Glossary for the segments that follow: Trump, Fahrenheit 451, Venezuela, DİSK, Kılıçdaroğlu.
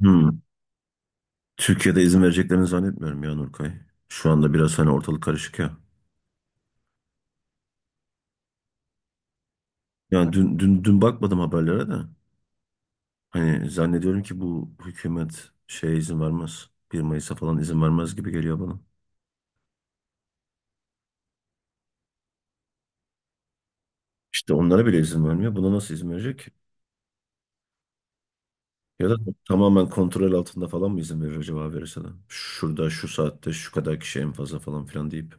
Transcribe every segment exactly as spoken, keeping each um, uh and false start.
Hmm. Türkiye'de izin vereceklerini zannetmiyorum ya Nurkay. Şu anda biraz hani ortalık karışık ya. Yani dün, dün, dün bakmadım haberlere de. Hani zannediyorum ki bu hükümet şeye izin vermez. Bir Mayıs'a falan izin vermez gibi geliyor bana. İşte onlara bile izin vermiyor. Buna nasıl izin verecek ki? Ya da tamamen kontrol altında falan mı izin verir acaba verirse de? Şurada, şu saatte, şu kadar kişi en fazla falan filan deyip.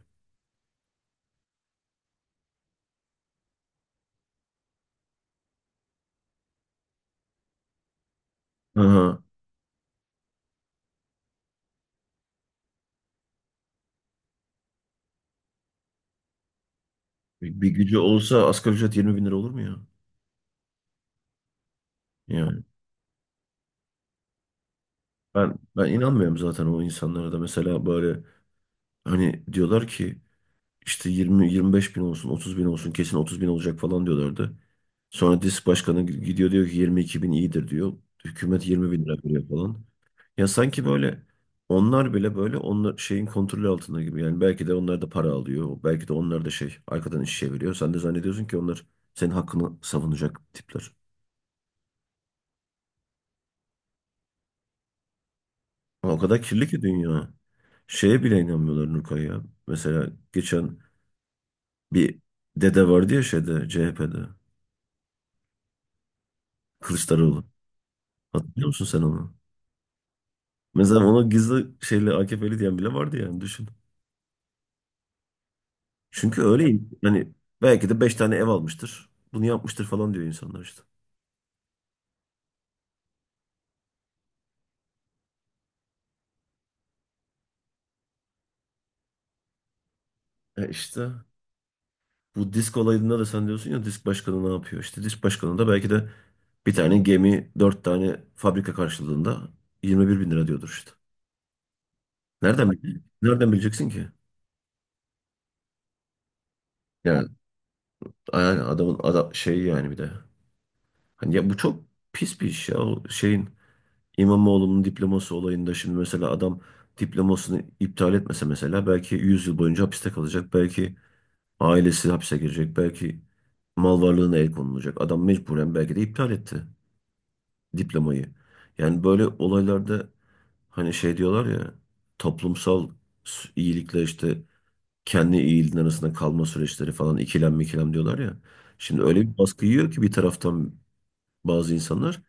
Aha. Bir bir gücü olsa asgari ücret yirmi bin lira olur mu ya? Yani ben, ben inanmıyorum zaten o insanlara da. Mesela böyle. Hani diyorlar ki işte yirmi yirmi beş bin olsun otuz bin olsun kesin otuz bin olacak falan diyorlardı. Sonra DİSK Başkanı gidiyor diyor ki yirmi iki bin iyidir diyor. Hükümet yirmi bin lira veriyor falan. Ya sanki böyle onlar bile böyle onlar şeyin kontrolü altında gibi. Yani belki de onlar da para alıyor. Belki de onlar da şey arkadan iş çeviriyor. Sen de zannediyorsun ki onlar senin hakkını savunacak tipler. Ama o kadar kirli ki dünya. Şeye bile inanmıyorlar Nurkay ya. Mesela geçen bir dede vardı ya şeyde C H P'de. Kılıçdaroğlu. Hatırlıyor musun sen onu? Mesela ona gizli şeyle A K P'li diyen bile vardı yani düşün. Çünkü öyle hani belki de beş tane ev almıştır. Bunu yapmıştır falan diyor insanlar işte. E işte bu disk olayında da sen diyorsun ya disk başkanı ne yapıyor? İşte disk başkanı da belki de bir tane gemi dört tane fabrika karşılığında yirmi bir bin lira diyordur işte. Nereden bile- nereden bileceksin ki? Yani, yani adamın ada- şey yani bir de. Hani ya bu çok pis bir iş ya o şeyin. İmamoğlu'nun diploması olayında şimdi mesela adam diplomasını iptal etmese mesela belki yüz yıl boyunca hapiste kalacak. Belki ailesi hapse girecek. Belki mal varlığına el konulacak. Adam mecburen belki de iptal etti diplomayı. Yani böyle olaylarda hani şey diyorlar ya toplumsal s- iyilikle işte kendi iyiliğin arasında kalma süreçleri falan ikilem mikilem diyorlar ya. Şimdi öyle bir baskı yiyor ki bir taraftan bazı insanlar.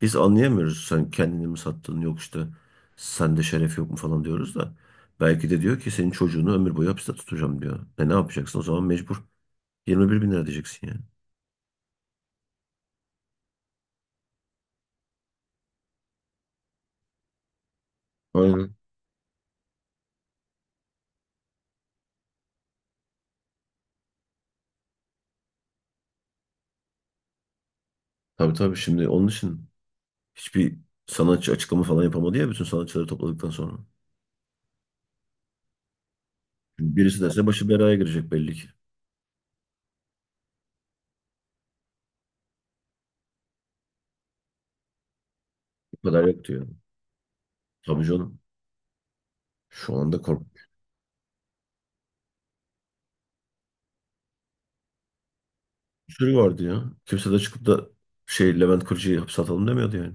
Biz anlayamıyoruz sen kendini mi sattın yok işte sende şeref yok mu falan diyoruz da. Belki de diyor ki senin çocuğunu ömür boyu hapiste tutacağım diyor. E ne yapacaksın o zaman mecbur yirmi bir bin lira diyeceksin yani. Aynen. Tabii tabii şimdi onun için hiçbir sanatçı açıklama falan yapamadı ya bütün sanatçıları topladıktan sonra. Şimdi birisi derse başı belaya girecek belli ki. Bu kadar yok diyor. Tabii canım. Şu anda korkunç bir sürü vardı ya. Kimse de çıkıp da şey Levent Kırca'yı hapse atalım demiyordu yani.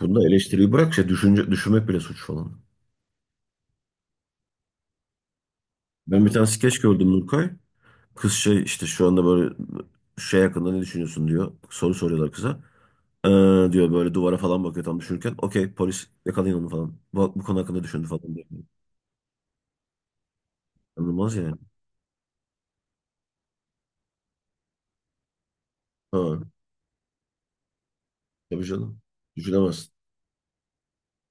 Bunda eleştiriyi bırak şey düşünce, düşünmek bile suç falan. Ben bir tane skeç gördüm Nurkay. Kız şey işte şu anda böyle şey hakkında ne düşünüyorsun diyor. Soru soruyorlar kıza. Ee, diyor böyle duvara falan bakıyor tam düşünürken. Okey polis yakalayın onu falan. Bu, bu konu hakkında düşündü falan diyor. Anılmaz yani. Ha, tabii canım. Düşünemez.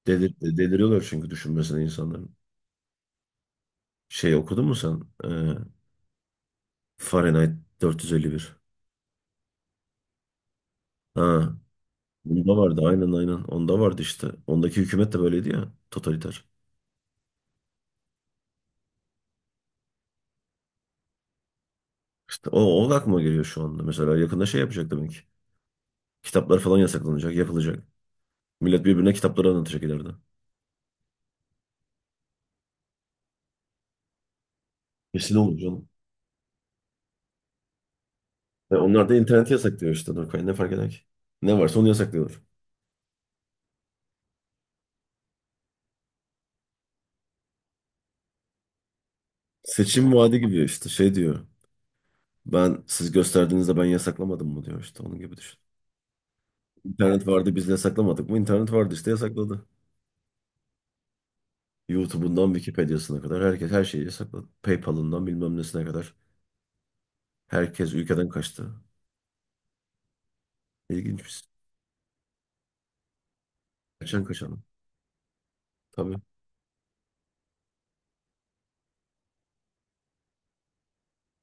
Delir, deliriyorlar çünkü düşünmesine insanların. Şey okudun mu sen? Ee, Fahrenheit dört yüz elli bir. Ha, bunda vardı aynen aynen. Onda vardı işte. Ondaki hükümet de böyleydi ya. Totaliter. İşte o, o da aklıma geliyor şu anda. Mesela yakında şey yapacak demek ki. Kitaplar falan yasaklanacak, yapılacak. Millet birbirine kitapları anlatacak ileride. Kesin olur canım. E onlar da interneti yasaklıyor işte Nurkay. Ne fark eder ki? Ne varsa onu yasaklıyorlar. Seçim vaadi gibi işte şey diyor. Ben siz gösterdiğinizde ben yasaklamadım mı diyor işte onun gibi düşün. İnternet vardı biz yasaklamadık mı? İnternet vardı işte yasakladı. YouTube'undan Wikipedia'sına kadar herkes her şeyi yasakladı. PayPal'ından bilmem nesine kadar herkes ülkeden kaçtı. İlginç bir şey. Kaçan kaçan. Tabii.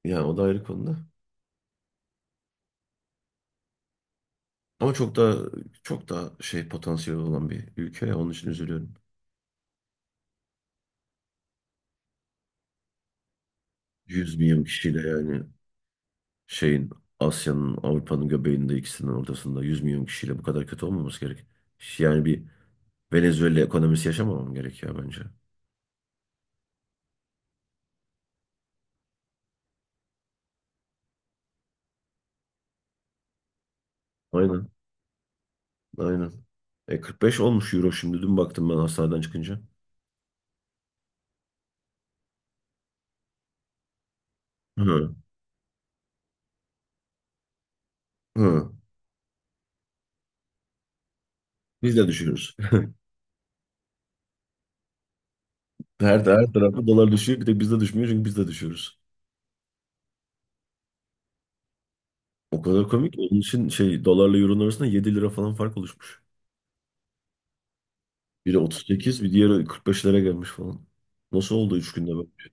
Yani o da ayrı konuda. Ama çok daha çok daha şey potansiyeli olan bir ülke ya onun için üzülüyorum. Yüz milyon kişiyle yani şeyin Asya'nın Avrupa'nın göbeğinde ikisinin ortasında yüz milyon kişiyle bu kadar kötü olmaması gerek. Yani bir Venezuela ekonomisi yaşamamam gerekiyor bence. Aynen. Aynen. E kırk beş olmuş euro şimdi dün baktım ben hastaneden çıkınca. Hı. Hı. Biz de düşüyoruz. Her, her tarafta dolar düşüyor bir tek bizde düşmüyor çünkü biz de düşüyoruz. O kadar komik. Onun için şey dolarla euronun arasında yedi lira falan fark oluşmuş. Biri otuz sekiz, bir diğeri kırk beş lira gelmiş falan. Nasıl oldu üç günde böyle?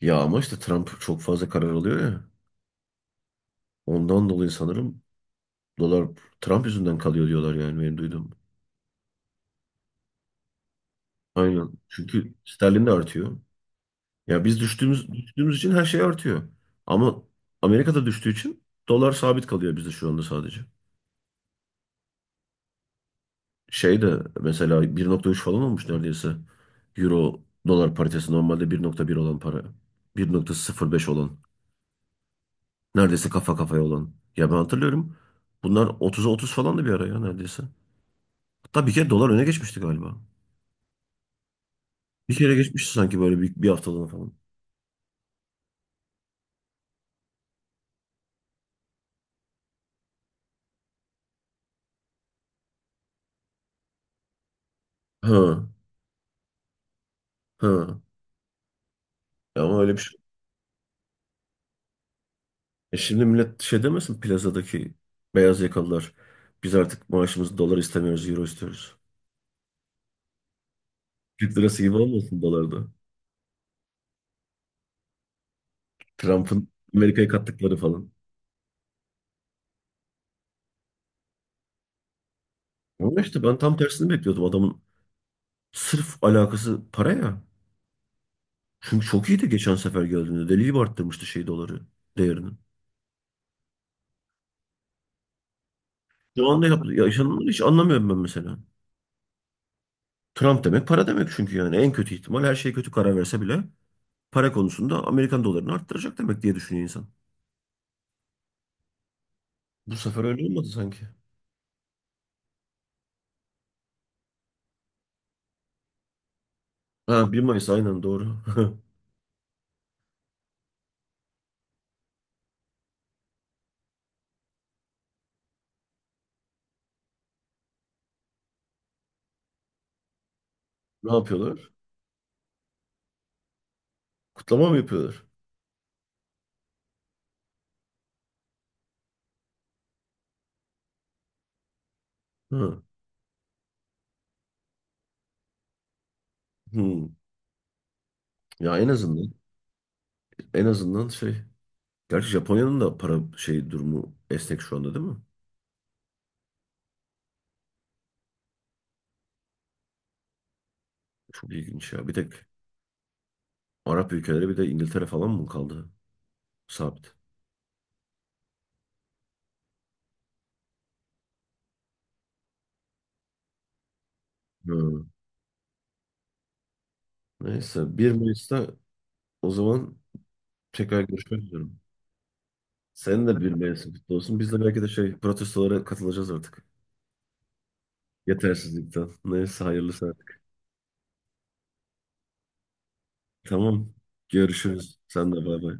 Ya ama işte Trump çok fazla karar alıyor ya. Ondan dolayı sanırım dolar Trump yüzünden kalıyor diyorlar yani benim duyduğum. Aynen. Çünkü sterlin de artıyor. Ya biz düştüğümüz düştüğümüz için her şey artıyor. Ama Amerika'da düştüğü için dolar sabit kalıyor bizde şu anda sadece. Şey de mesela bir nokta üç falan olmuş neredeyse. Euro dolar paritesi normalde bir nokta bir olan para. Bir nokta sıfır beş olan. Neredeyse kafa kafaya olan. Ya ben hatırlıyorum. Bunlar otuz'a otuz falan da bir ara ya neredeyse. Hatta bir kere dolar öne geçmişti galiba. Bir kere geçmişti sanki böyle bir, bir haftalığına falan. Ha ha. Ya ama öyle bir şey. E şimdi millet şey demesin plazadaki beyaz yakalılar. Biz artık maaşımızı dolar istemiyoruz, euro istiyoruz. Türk lirası gibi olmasın dolarda. Trump'ın Amerika'ya kattıkları falan. Ama işte ben tam tersini bekliyordum adamın. Sırf alakası para ya. Çünkü çok iyiydi geçen sefer geldiğinde. Deli gibi arttırmıştı şey doları değerini. Şu anda yap- yaşananları hiç anlamıyorum ben mesela. Trump demek para demek çünkü yani en kötü ihtimal her şey kötü karar verse bile para konusunda Amerikan dolarını arttıracak demek diye düşünüyor insan. Bu sefer öyle olmadı sanki. Ha bir Mayıs aynen doğru. Ne yapıyorlar? Kutlama mı yapıyorlar? Ha. Hmm. Ya en azından en azından şey. Gerçi Japonya'nın da para şey durumu esnek şu anda değil mi? Çok ilginç ya. Bir tek Arap ülkeleri bir de İngiltere falan mı kaldı? Sabit. Hı. Neyse bir Mayıs'ta o zaman tekrar görüşmek üzere. Senin de bir Mayıs'ın kutlu olsun. Biz de belki de şey protestolara katılacağız artık. Yetersizlikten. Neyse hayırlısı artık. Tamam. Görüşürüz. Sen de bay bay.